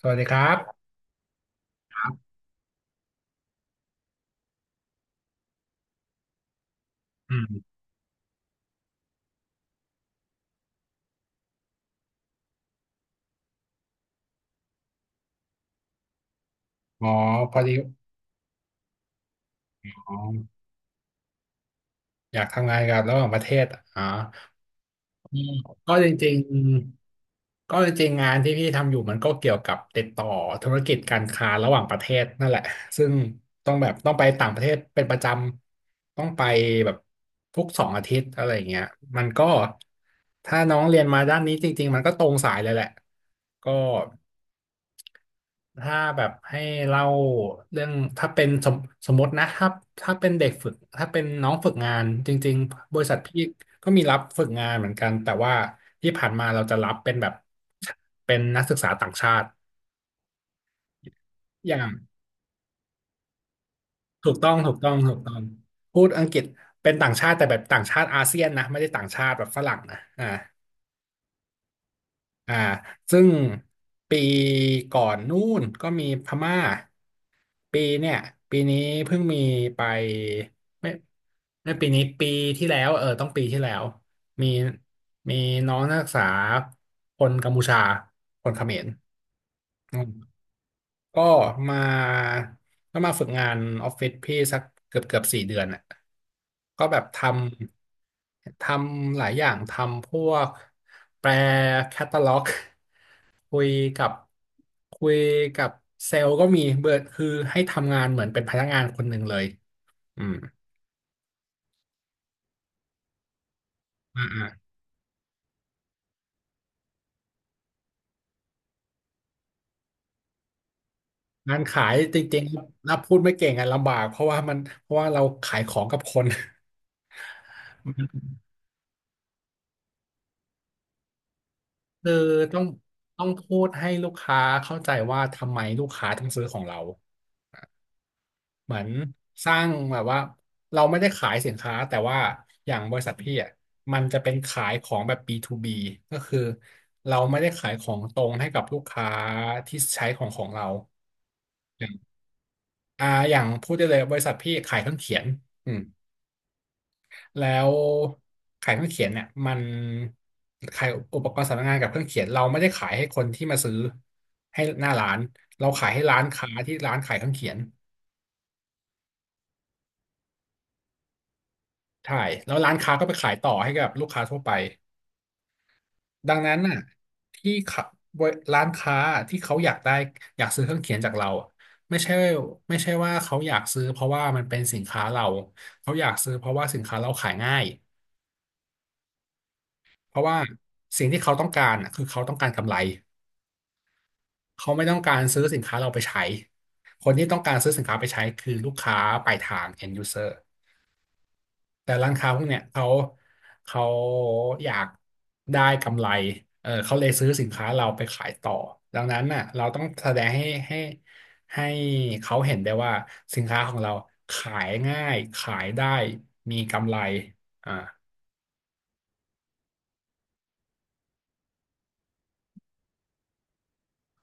สวัสดีครับอืมอ๋อพอดีอ๋ออยากทำงานกับระหว่างประเทศอ๋ออืมก็จริงๆก็จริงๆงานที่พี่ทำอยู่มันก็เกี่ยวกับติดต่อธุรกิจการค้าระหว่างประเทศนั่นแหละซึ่งต้องแบบต้องไปต่างประเทศเป็นประจำต้องไปแบบทุก2 อาทิตย์อะไรอย่างเงี้ยมันก็ถ้าน้องเรียนมาด้านนี้จริงๆมันก็ตรงสายเลยแหละก็ ถ้าแบบให้เล่าเรื่องถ้าเป็นสมมตินะถ้าเป็นเด็กฝึกถ้าเป็นน้องฝึกงานจริงๆบริษัทพี่ก็มีรับฝึกงานเหมือนกันแต่ว่าที่ผ่านมาเราจะรับเป็นแบบเป็นนักศึกษาต่างชาติอย่างถูกต้องถูกต้องถูกต้องพูดอังกฤษเป็นต่างชาติแต่แบบต่างชาติอาเซียนนะไม่ได้ต่างชาติแบบฝรั่งนะอ่าซึ่งปีก่อนนู่นก็มีพม่าปีเนี่ยปีนี้เพิ่งมีไปไม่ไม่ปีนี้ปีที่แล้วเออต้องปีที่แล้วมีมีน้องนักศึกษาคนกัมพูชาคนเขมรอืม ก็มาก็มาฝึกงานออฟฟิศพี่สักเกือบ4 เดือนอ่ะก็แบบทำหลายอย่างทำพวกแปลแคตตาล็อกคุยกับคุยกับเซลล์ก็มีเบิร์คือให้ทำงานเหมือนเป็นพนักงานคนหนึ่งเลยอืมอ่าอ่างานขายจริงๆนับพูดไม่เก่งอ่ะลำบากเพราะว่ามันเพราะว่าเราขายของกับคน คือต้องต้องพูดให้ลูกค้าเข้าใจว่าทำไมลูกค้าถึงซื้อของเราเหมือนสร้างแบบว่าเราไม่ได้ขายสินค้าแต่ว่าอย่างบริษัทพี่อ่ะมันจะเป็นขายของแบบ B2B ก็คือเราไม่ได้ขายของตรงให้กับลูกค้าที่ใช้ของของเราอย่างอย่างพูดได้เลยบริษัทพี่ขายเครื่องเขียนอืม แล้วขายเครื่องเขียนเนี่ยมันขายอุปกรณ์สำนักงานกับเครื่องเขียนเราไม่ได้ขายให้คนที่มาซื้อให้หน้าร้านเราขายให้ร้านค้าที่ร้านขายเครื่องเขียนใช่แล้วร้านค้าก็ไปขายต่อให้กับลูกค้าทั่วไปดังนั้นน่ะที่ขะบรร้านค้าที่เขาอยากได้อยากซื้อเครื่องเขียนจากเราอะไม่ใช่ไม่ใช่ว่าเขาอยากซื้อเพราะว่ามันเป็นสินค้าเราเขาอยากซื้อเพราะว่าสินค้าเราขายง่ายเพราะว่าสิ่งที่เขาต้องการน่ะคือเขาต้องการกำไร เขาไม่ต้องการซื้อสินค้าเราไปใช้ คนที่ต้องการซื้อสินค้าไปใช้คือลูกค้าปลายทาง end user แต่ร้านค้าพวกเนี้ยเขาอยากได้กำไรเออเขาเลยซื้อสินค้าเราไปขายต่อ ดังนั้นน่ะเราต้องแสดงให้ให้เขาเห็นได้ว่าสินค้าของเราขายง่ายขายได้มีกำไรอ่า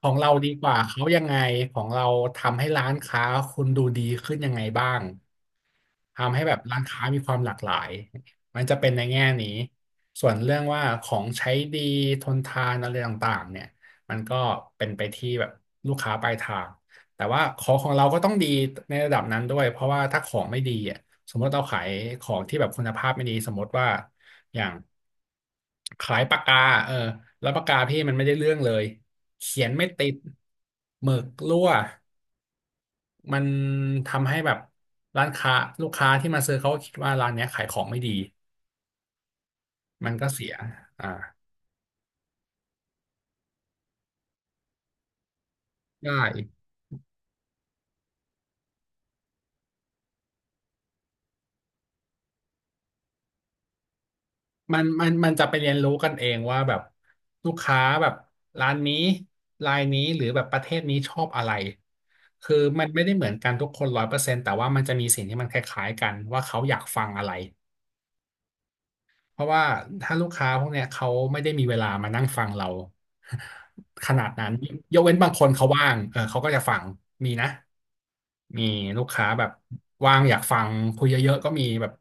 ของเราดีกว่าเขายังไงของเราทำให้ร้านค้าคุณดูดีขึ้นยังไงบ้าง ทำให้แบบร้านค้ามีความหลากหลาย มันจะเป็นในแง่นี้ ส่วนเรื่องว่าของใช้ดีทนทานอะไรต่างๆเนี่ยมันก็เป็นไปที่แบบลูกค้าปลายทางแต่ว่าของของเราก็ต้องดีในระดับนั้นด้วย เพราะว่าถ้าของไม่ดีอ่ะสมมติเราขายของที่แบบคุณภาพไม่ดีสมมติว่าอย่างขายปากกาเออแล้วปากกาพี่มันไม่ได้เรื่องเลยเขียนไม่ติดหมึกรั่ว มันทำให้แบบร้านค้าลูกค้าที่มาซื้อเขาก็คิดว่าร้านเนี้ยขายของไม่ดีมันก็เสียอ่าได้มันจะไปเรียนรู้กันเองว่าแบบลูกค้าแบบร้านนี้รายนี้หรือแบบประเทศนี้ชอบอะไรคือมันไม่ได้เหมือนกันทุกคน100%แต่ว่ามันจะมีสิ่งที่มันคล้ายๆกันว่าเขาอยากฟังอะไร เพราะว่าถ้าลูกค้าพวกเนี้ยเขาไม่ได้มีเวลามานั่งฟังเรา ขนาดนั้นยกเว้นบางคนเขาว่างเออเขาก็จะฟังมีนะมีลูกค้าแบบว่างอยากฟังคุยเยอะๆก็มีแบบ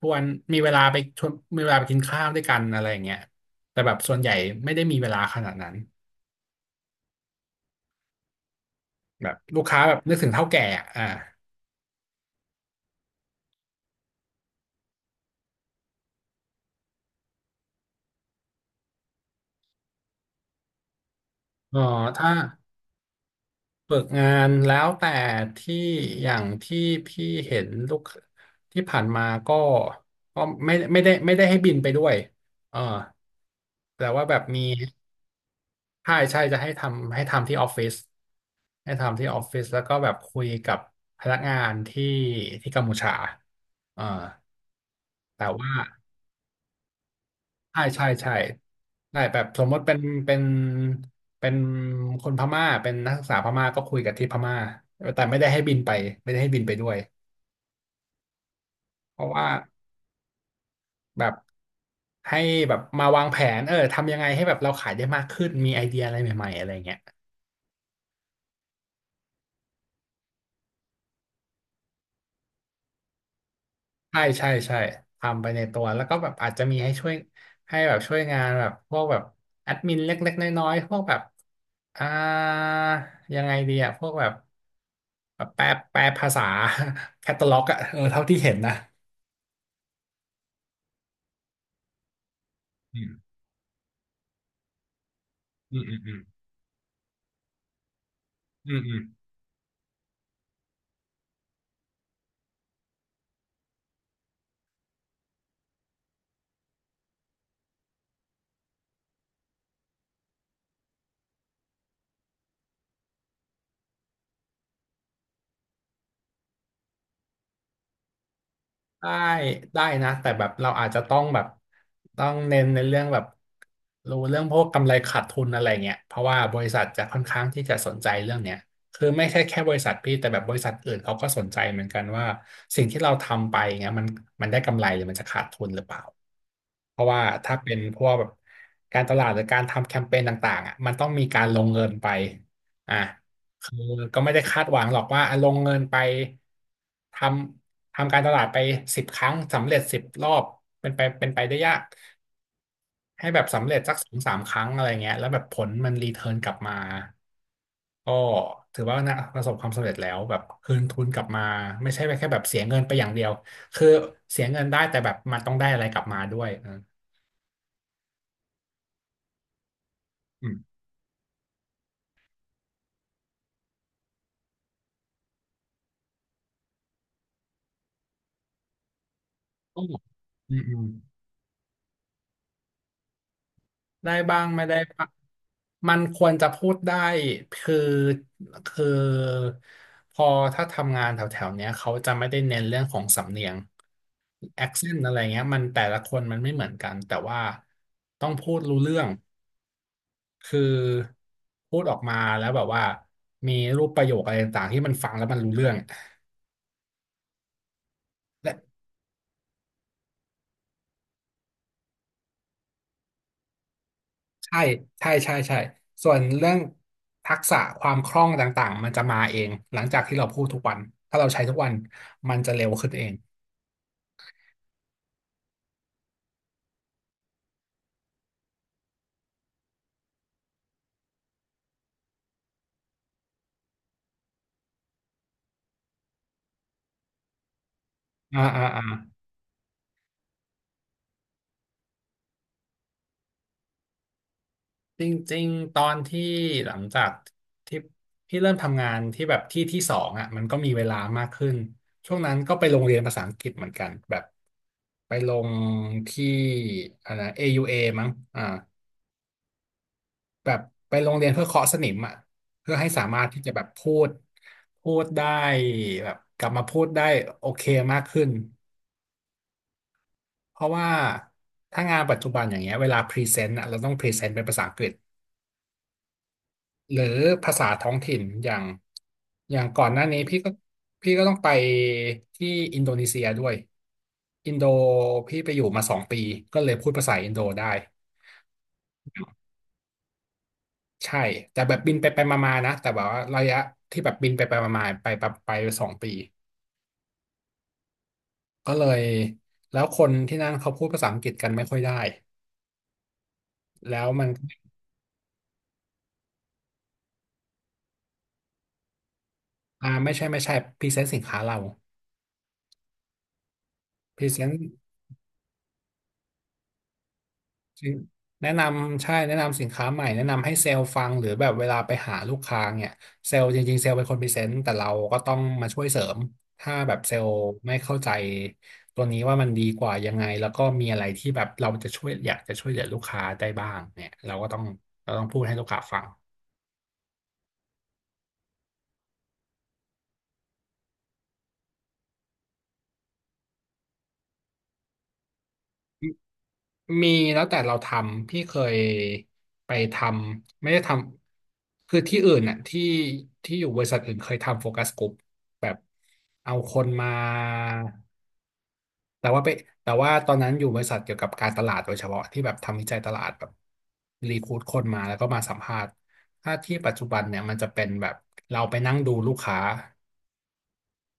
ชวนมีเวลาไปชวนมีเวลาไปกินข้าวด้วยกันอะไรอย่างเงี้ยแต่แบบส่วนใหญ่ไม่ได้มีเวลาขนาดนั้นแบบลูกค้าแบบนึกถึงเฒ่าแก่อะอ่าเออถ้า ฝึกงานแล้วแต่ที่อย่างที่พี่เห็นลูกที่ผ่านมาก็ก็ไม่ได้ให้บินไปด้วยเออแต่ว่าแบบมีใช่ใช่จะให้ทำที่ออฟฟิศให้ทำที่ออฟฟิศแล้วก็แบบคุยกับพนักงานที่กัมพูชาเออแต่ว่าใช่ใช่ใช่ใช่แบบสมมติเป็นเป็นคนพม่าเป็นนักศึกษาพม่าก็คุยกับที่พม่าแต่ไม่ได้ให้บินไปไม่ได้ให้บินไปด้วย เพราะว่าแบบให้แบบมาวางแผนเออทำยังไงให้แบบเราขายได้มากขึ้นมีไอเดียอะไรใหม่ๆอะไรเงี้ยใช่ใช่ใช่ทำไปในตัวแล้วก็แบบอาจจะมีให้ช่วยให้แบบช่วยงานแบบพวกแบบแอดมินเล็กๆน้อยๆพวกแบบอ่ายังไงดีอะพวกแบบแบบแปลแปลภาษา แคตตาล็อกอะเออเท่าที่เห็นนะอืมอืมอืมอือืม ได้ได้นะแต่แบบเราอาจจะต้องแบบต้องเน้นในเรื่องแบบรู้เรื่องพวกกำไรขาดทุนอะไรเงี้ยเพราะว่าบริษัทจะค่อนข้างที่จะสนใจเรื่องเนี้ยคือไม่ใช่แค่บริษัทพี่แต่แบบบริษัทอื่นเขาก็สนใจเหมือนกันว่าสิ่งที่เราทำไปเงี้ยมันได้กำไรหรือมันจะขาดทุนหรือเปล่าเพราะว่าถ้าเป็นพวกแบบการตลาดหรือการทำแคมเปญต่างๆอ่ะมันต้องมีการลงเงินไปอ่ะ คือก็ไม่ได้คาดหวังหรอกว่าอ่ะลงเงินไปททำการตลาดไปสิบครั้งสำเร็จสิบรอบเป็นไปได้ยากให้แบบสำเร็จสักสองสามครั้งอะไรเงี้ยแล้วแบบผลมันรีเทิร์นกลับมาก็ถือว่านะประสบความสำเร็จแล้วแบบคืนทุนกลับมาไม่ใช่แค่แบบเสียเงินไปอย่างเดียวคือเสียเงินได้แต่แบบมันต้องได้อะไรกลับมาด้วยเอออืมก็อืมอืม ได้บ้างไม่ได้บ้างมันควรจะพูดได้คือคือพอถ้าทำงานแถวๆเนี้ยเขาจะไม่ได้เน้นเรื่องของสำเนียง accent อะไรเงี้ยมันแต่ละคนมันไม่เหมือนกันแต่ว่าต้องพูดรู้เรื่องคือพูดออกมาแล้วแบบว่ามีรูปประโยคอะไรต่างๆที่มันฟังแล้วมันรู้เรื่องและใช่ใช่ใช่ใช่ส่วนเรื่องทักษะความคล่องต่างๆมันจะมาเองหลังจากที่เราพูดทุกวันถ้าเราใช้ทุกวันมันจะเร็วขึ้นเอง อ่าอ่าอ่าจริงๆตอนที่หลังจากที่พี่เริ่มทำงานที่แบบที่สองอ่ะมันก็มีเวลามากขึ้นช่วงนั้นก็ไปโรงเรียนภาษาอังกฤษเหมือนกันแบบไปลงที่นะ AUA มั้งอ่าแบบไปโรงเรียนเพื่อเคาะสนิมอ่ะเพื่อให้สามารถที่จะแบบพูดได้แบบกลับมาพูดได้โอเคมากขึ้นเพราะว่าถ้างานปัจจุบันอย่างเงี้ยเวลาพรีเซนต์อ่ะเราต้องพรีเซนต์เป็นภาษาอังกฤษ หรือภาษาท้องถิ่นอย่างก่อนหน้านี้พี่ก็ต้องไปที่อินโดนีเซียด้วยอินโดพี่ไปอยู่มาสองปีก็เลยพูดภาษาอินโดได้ใช่แต่แบบบินไปไปมาๆนะแต่แบบว่าระยะที่แบบบินไปไปมาๆไปแบบไปสองปีก็เลยแล้วคนที่นั่นเขาพูดภาษาอังกฤษกันไม่ค่อยได้แล้วมันอ่าไม่ใช่ไม่ใช่พรีเซนต์สินค้าเราพรีเซนต์ แนะนำใช่แนะนำสินค้าใหม่แนะนำให้เซลล์ฟังหรือแบบเวลาไปหาลูกค้าเนี่ยเซลล์จริงๆเซลล์เป็นคนพรีเซนต์แต่เราก็ต้องมาช่วยเสริมถ้าแบบเซลล์ไม่เข้าใจตัวนี้ว่ามันดีกว่ายังไงแล้วก็มีอะไรที่แบบเราจะช่วยอยากจะช่วยเหลือลูกค้าได้บ้างเนี่ยเราต้องพูดให้ลูกค้าฟังมีแล้วแต่เราทำพี่เคยไปทำไม่ได้ทำคือที่อื่นน่ะที่ที่อยู่บริษัทอื่นเคยทำโฟกัสกลุ่มแบบเอาคนมา แต่ว่าไปแต่ว่าตอนนั้นอยู่บริษัทเกี่ยวกับการตลาดโดยเฉพาะที่แบบทำวิจัยตลาดแบบรีคูดคนมาแล้วก็มาสัมภาษณ์ถ้าที่ปัจจุบันเนี่ยมันจะเป็นแบบเราไปนั่งดูลูกค้า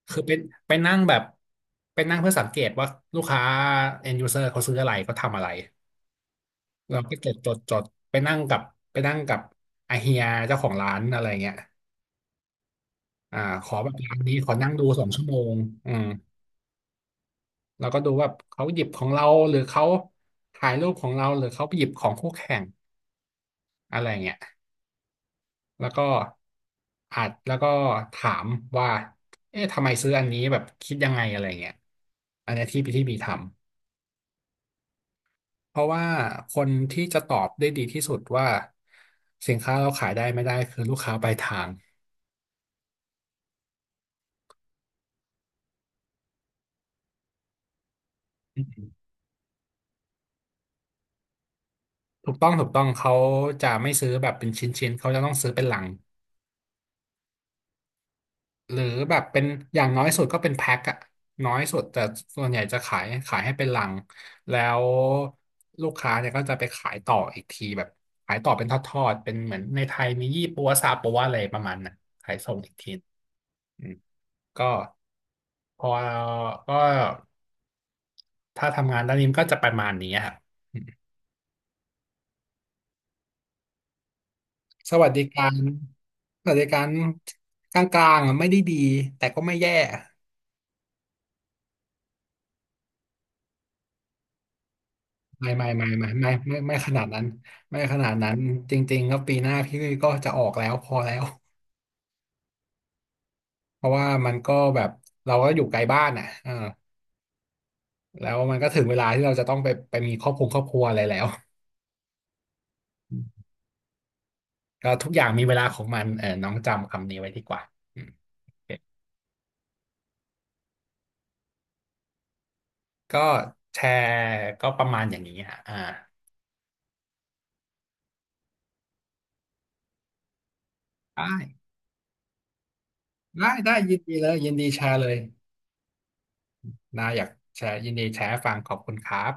คือเป็นไปนั่งแบบไปนั่งเพื่อสังเกตว่าลูกค้า end user เขาซื้ออะไรเขาทำอะไรเราก็จดไปนั่งกับไปนั่งกับอาเฮียเจ้าของร้านอะไรเงี้ยขอแบบร้านนี้ขอนั่งดูสองชั่วโมงอืม เราก็ดูว่าเขาหยิบของเราหรือเขาถ่ายรูปของเราหรือเขาไปหยิบของคู่แข่งอะไรเงี้ยแล้วก็อาจแล้วก็ถามว่าเอ๊ะทำไมซื้ออันนี้แบบคิดยังไงอะไรเงี้ยอันเนี้ยที่พี่ที่บีทำเพราะว่าคนที่จะตอบได้ดีที่สุดว่าสินค้าเราขายได้ไม่ได้คือลูกค้าปลายทางถูกต้องถูกต้องเขาจะไม่ซื้อแบบเป็นชิ้นๆเขาจะต้องซื้อเป็นลัง หรือแบบเป็นอย่างน้อยสุดก็เป็นแพ็คอะน้อยสุดแต่ส่วนใหญ่จะขายให้เป็นลังแล้วลูกค้าเนี่ยก็จะไปขายต่ออีกทีแบบขายต่อเป็นทอดๆเป็นเหมือนในไทยมียี่ปัวซาปัวอะไรประมาณน่ะขายส่งอีกทีอืมก็พอก็ถ้าทำงานด้านนี้มันก็จะประมาณนี้ครับอืมสวัสดิการสวัสดิการกลางๆอะไม่ได้ดีแต่ก็ไม่แย่ ไม่ขนาดนั้นไม่ขนาดนั้นจริงๆก็ปีหน้าพี่ก็จะออกแล้วพอแล้วเพราะว่ามันก็แบบเราก็อยู่ไกลบ้านอ่ะเออแล้วมันก็ถึงเวลาที่เราจะต้องไปไปมีครอบครัวครอบครัวอะไรแล้วก็ทุกอย่างมีเวลาของมันเออน้องจำคำนี้ไว้ดีกว่าอืมโอเคก็แชร์ก็ประมาณอย่างนี้ฮะอ่าได้ได้ยินดีเลยยินดีแชร์เลยนาอยากแชร์ยินดีแชร์ให้ฟังขอบคุณครับ